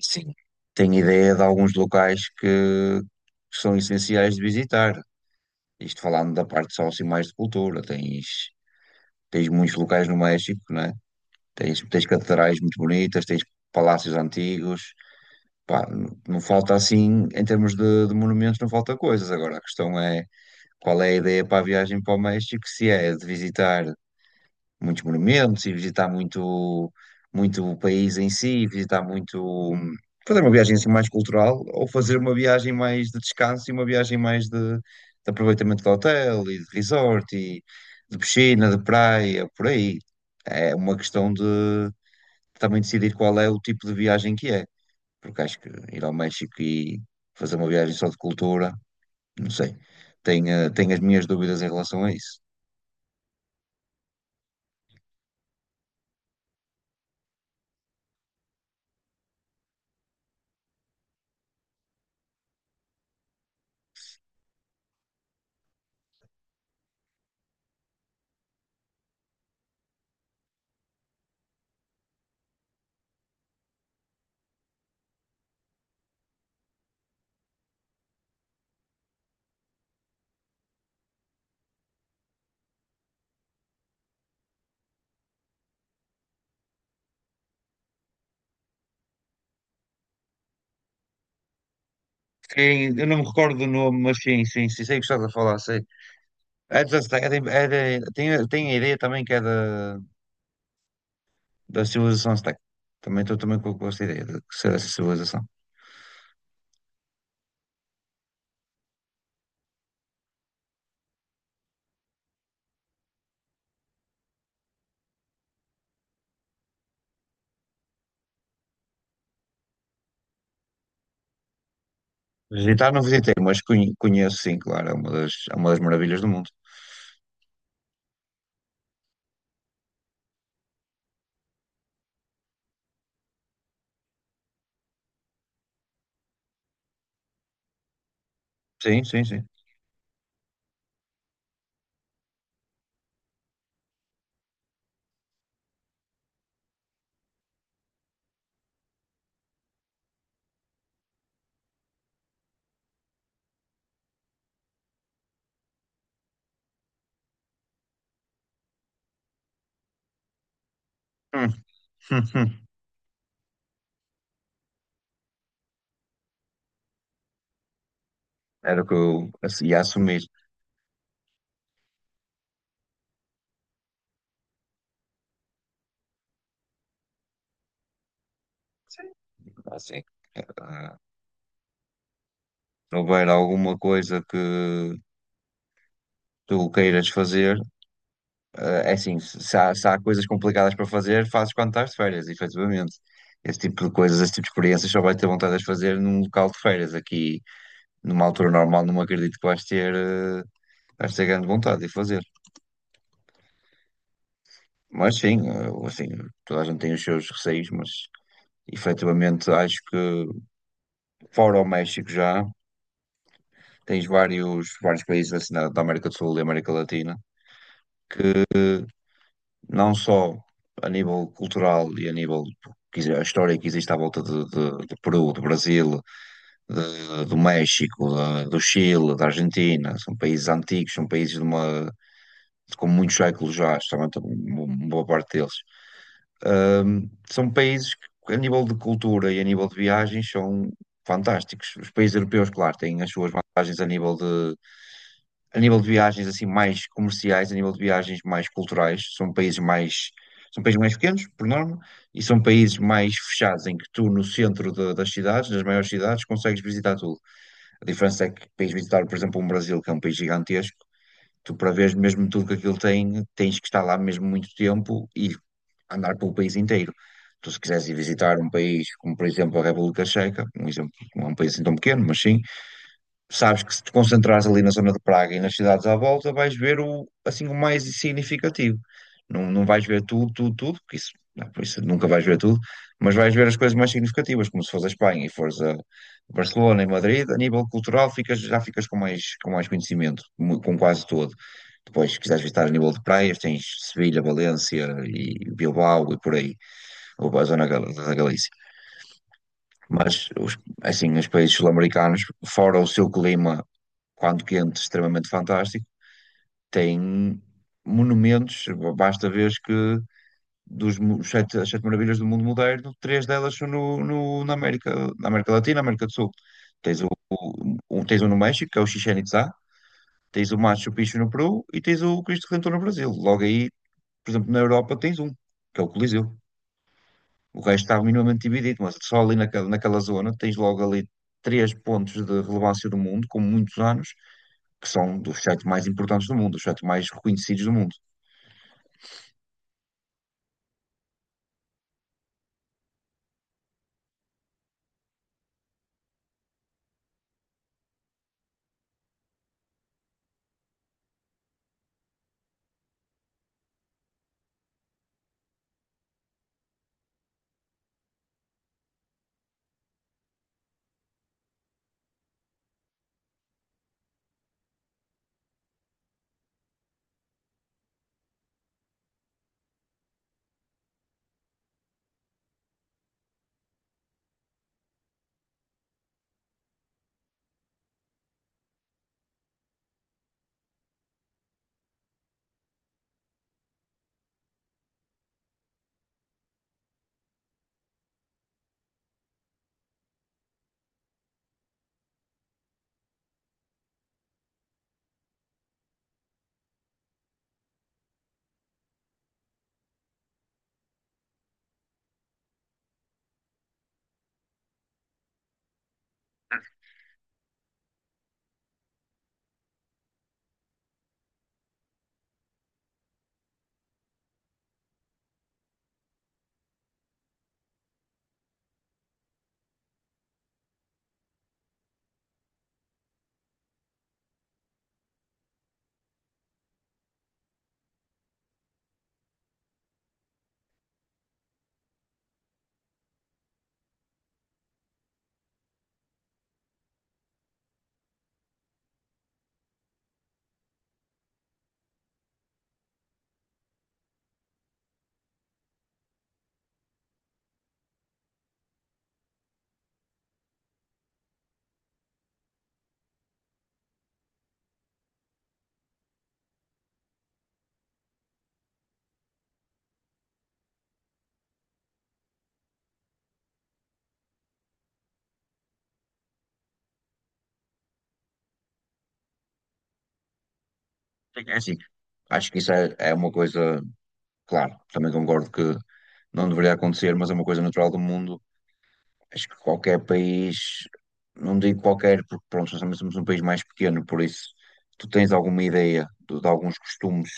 Sim. Tenho ideia de alguns locais que são essenciais de visitar. Isto falando da parte só assim mais de cultura, tens muitos locais no México, né? Tens catedrais muito bonitas, tens palácios antigos. Pá, não falta assim, em termos de monumentos, não falta coisas. Agora, a questão é qual é a ideia para a viagem para o México, se é de visitar muitos monumentos e visitar muito o país em si, visitar muito, hum, fazer uma viagem assim mais cultural ou fazer uma viagem mais de descanso e uma viagem mais de aproveitamento de hotel e de resort e de piscina, de praia, por aí. É uma questão de também decidir qual é o tipo de viagem que é, porque acho que ir ao México e fazer uma viagem só de cultura, não sei. Tenho as minhas dúvidas em relação a isso. Sim, eu não me recordo do nome, mas sim, sim, sim, sei o que estás a falar, sei. É dos Aztecas, tem a ideia também que é da civilização Azteca. Também estou também com essa ideia de ser essa civilização. Visitar não visitei, mas conheço sim, claro, é uma é uma das maravilhas do mundo. Sim, sim, sim. Hum, hum, hum. Era o que eu ia assumir. Assim, ah, se houver alguma coisa que tu queiras fazer, é assim, se há coisas complicadas para fazer, fazes quando estás de férias, efetivamente. Esse tipo de coisas, esse tipo de experiências só vais ter vontade de as fazer num local de férias. Aqui, numa altura normal, não acredito que vais vais ter grande vontade de fazer. Mas sim, assim, toda a gente tem os seus receios, mas efetivamente acho que fora o México já, tens vários países assim, da América do Sul e América Latina não só a nível cultural e a nível a história que existe à volta do Peru, do Brasil, do México, do Chile, da Argentina, são países antigos, são países de uma, com muitos séculos já, justamente uma boa parte deles. São países que, a nível de cultura e a nível de viagens, são fantásticos. Os países europeus, claro, têm as suas vantagens a nível de viagens assim mais comerciais, a nível de viagens mais culturais, são países mais pequenos, por norma, e são países mais fechados, em que tu no centro das cidades, das maiores cidades, consegues visitar tudo. A diferença é que para ires visitar, por exemplo, um Brasil, que é um país gigantesco, tu para ver mesmo tudo que aquilo tem, tens que estar lá mesmo muito tempo e andar pelo país inteiro. Tu se quiseres ir visitar um país como, por exemplo, a República Checa, um exemplo, não é um país assim tão pequeno, mas sim, sabes que se te concentrares ali na zona de Praga e nas cidades à volta, vais ver assim, o mais significativo. Não vais ver tudo, tudo, tudo, porque isso, não, por isso nunca vais ver tudo, mas vais ver as coisas mais significativas, como se fores a Espanha e fores a Barcelona e Madrid, a nível cultural já ficas com mais conhecimento, com quase todo. Depois, se quiseres visitar a nível de praias, tens Sevilha, Valência e Bilbao e por aí, ou a da Galícia. Mas os países sul-americanos, fora o seu clima, quando quente, extremamente fantástico, têm monumentos. Basta ver que as sete maravilhas do mundo moderno, três delas são na América Latina, América do Sul. Tens tens um no México, que é o Chichén Itzá, tens o Machu Picchu no Peru e tens o Cristo Redentor no Brasil. Logo aí, por exemplo, na Europa tens um, que é o Coliseu. O resto estava minimamente dividido, mas só ali naquela zona tens logo ali três pontos de relevância do mundo, com muitos anos, que são dos sete mais importantes do mundo, os sete mais reconhecidos do mundo. É assim, acho que isso é uma coisa, claro, também concordo que não deveria acontecer, mas é uma coisa natural do mundo. Acho que qualquer país, não digo qualquer, porque pronto, nós também somos um país mais pequeno, por isso tu tens alguma ideia de alguns costumes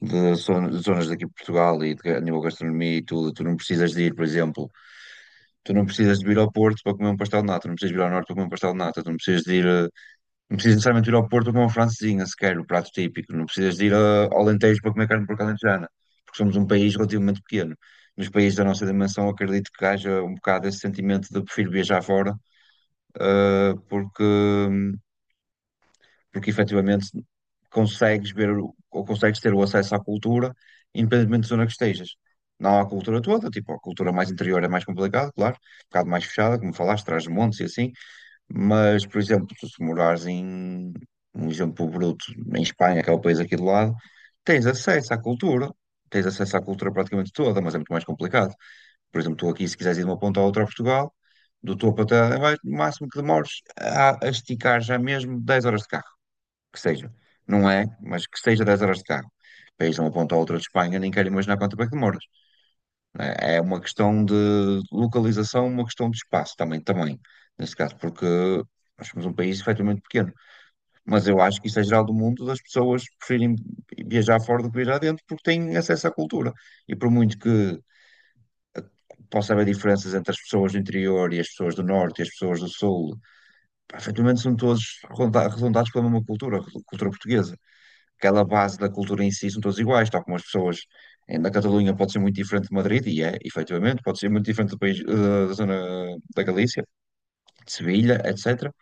de zonas daqui de Portugal a nível de gastronomia e tudo. Tu não precisas de ir, por exemplo, tu não precisas de vir ao Porto para comer um pastel de nata, tu não precisas de ir ao Norte para comer um pastel de nata, tu não precisas de não precisas necessariamente ir ao Porto para comer uma francesinha sequer, o prato típico, não precisas de ir ao Alentejo para comer carne porca alentejana, porque somos um país relativamente pequeno. Nos países da nossa dimensão, acredito que haja um bocado esse sentimento de prefiro viajar fora, eh, porque hum, porque efetivamente consegues ver ou consegues ter o acesso à cultura, independentemente da zona que estejas. Não há a cultura toda, tipo, a cultura mais interior é mais complicada, claro, um bocado mais fechada, como falaste, Trás-os-Montes e assim, mas, por exemplo, tu se morares um exemplo bruto, em Espanha, que é o país aqui do lado, tens acesso à cultura, tens acesso à cultura praticamente toda, mas é muito mais complicado. Por exemplo, tu aqui, se quiseres ir de uma ponta à outra a Portugal, do topo até lá em baixo, no máximo que demores a esticar já mesmo 10 horas de carro que seja. Não é, mas que seja 10 horas de carro. Para ir de uma ponta à outra de Espanha, nem quero imaginar quanto tempo é que demoras. É uma questão de localização, uma questão de espaço também, nesse caso, porque nós somos um país efetivamente pequeno. Mas eu acho que isso é geral do mundo, das pessoas preferirem viajar fora do que viajar dentro, porque têm acesso à cultura. E por muito que possa haver diferenças entre as pessoas do interior e as pessoas do norte e as pessoas do sul, pá, efetivamente são todos arredondados pela mesma cultura, a cultura portuguesa. Aquela base da cultura em si são todos iguais, tal como as pessoas na Catalunha pode ser muito diferente de Madrid, e é, efetivamente, pode ser muito diferente do país, da zona da Galícia, de Sevilha, etc.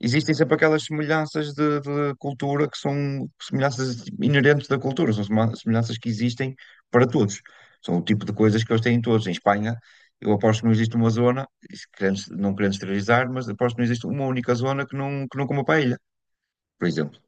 Existem sempre aquelas semelhanças de cultura que são semelhanças inerentes da cultura, são semelhanças que existem para todos. São o tipo de coisas que eles têm todos. Em Espanha, eu aposto que não existe uma zona, e se querendo- não querendo esterilizar, mas aposto que não existe uma única zona que não coma paella, por exemplo.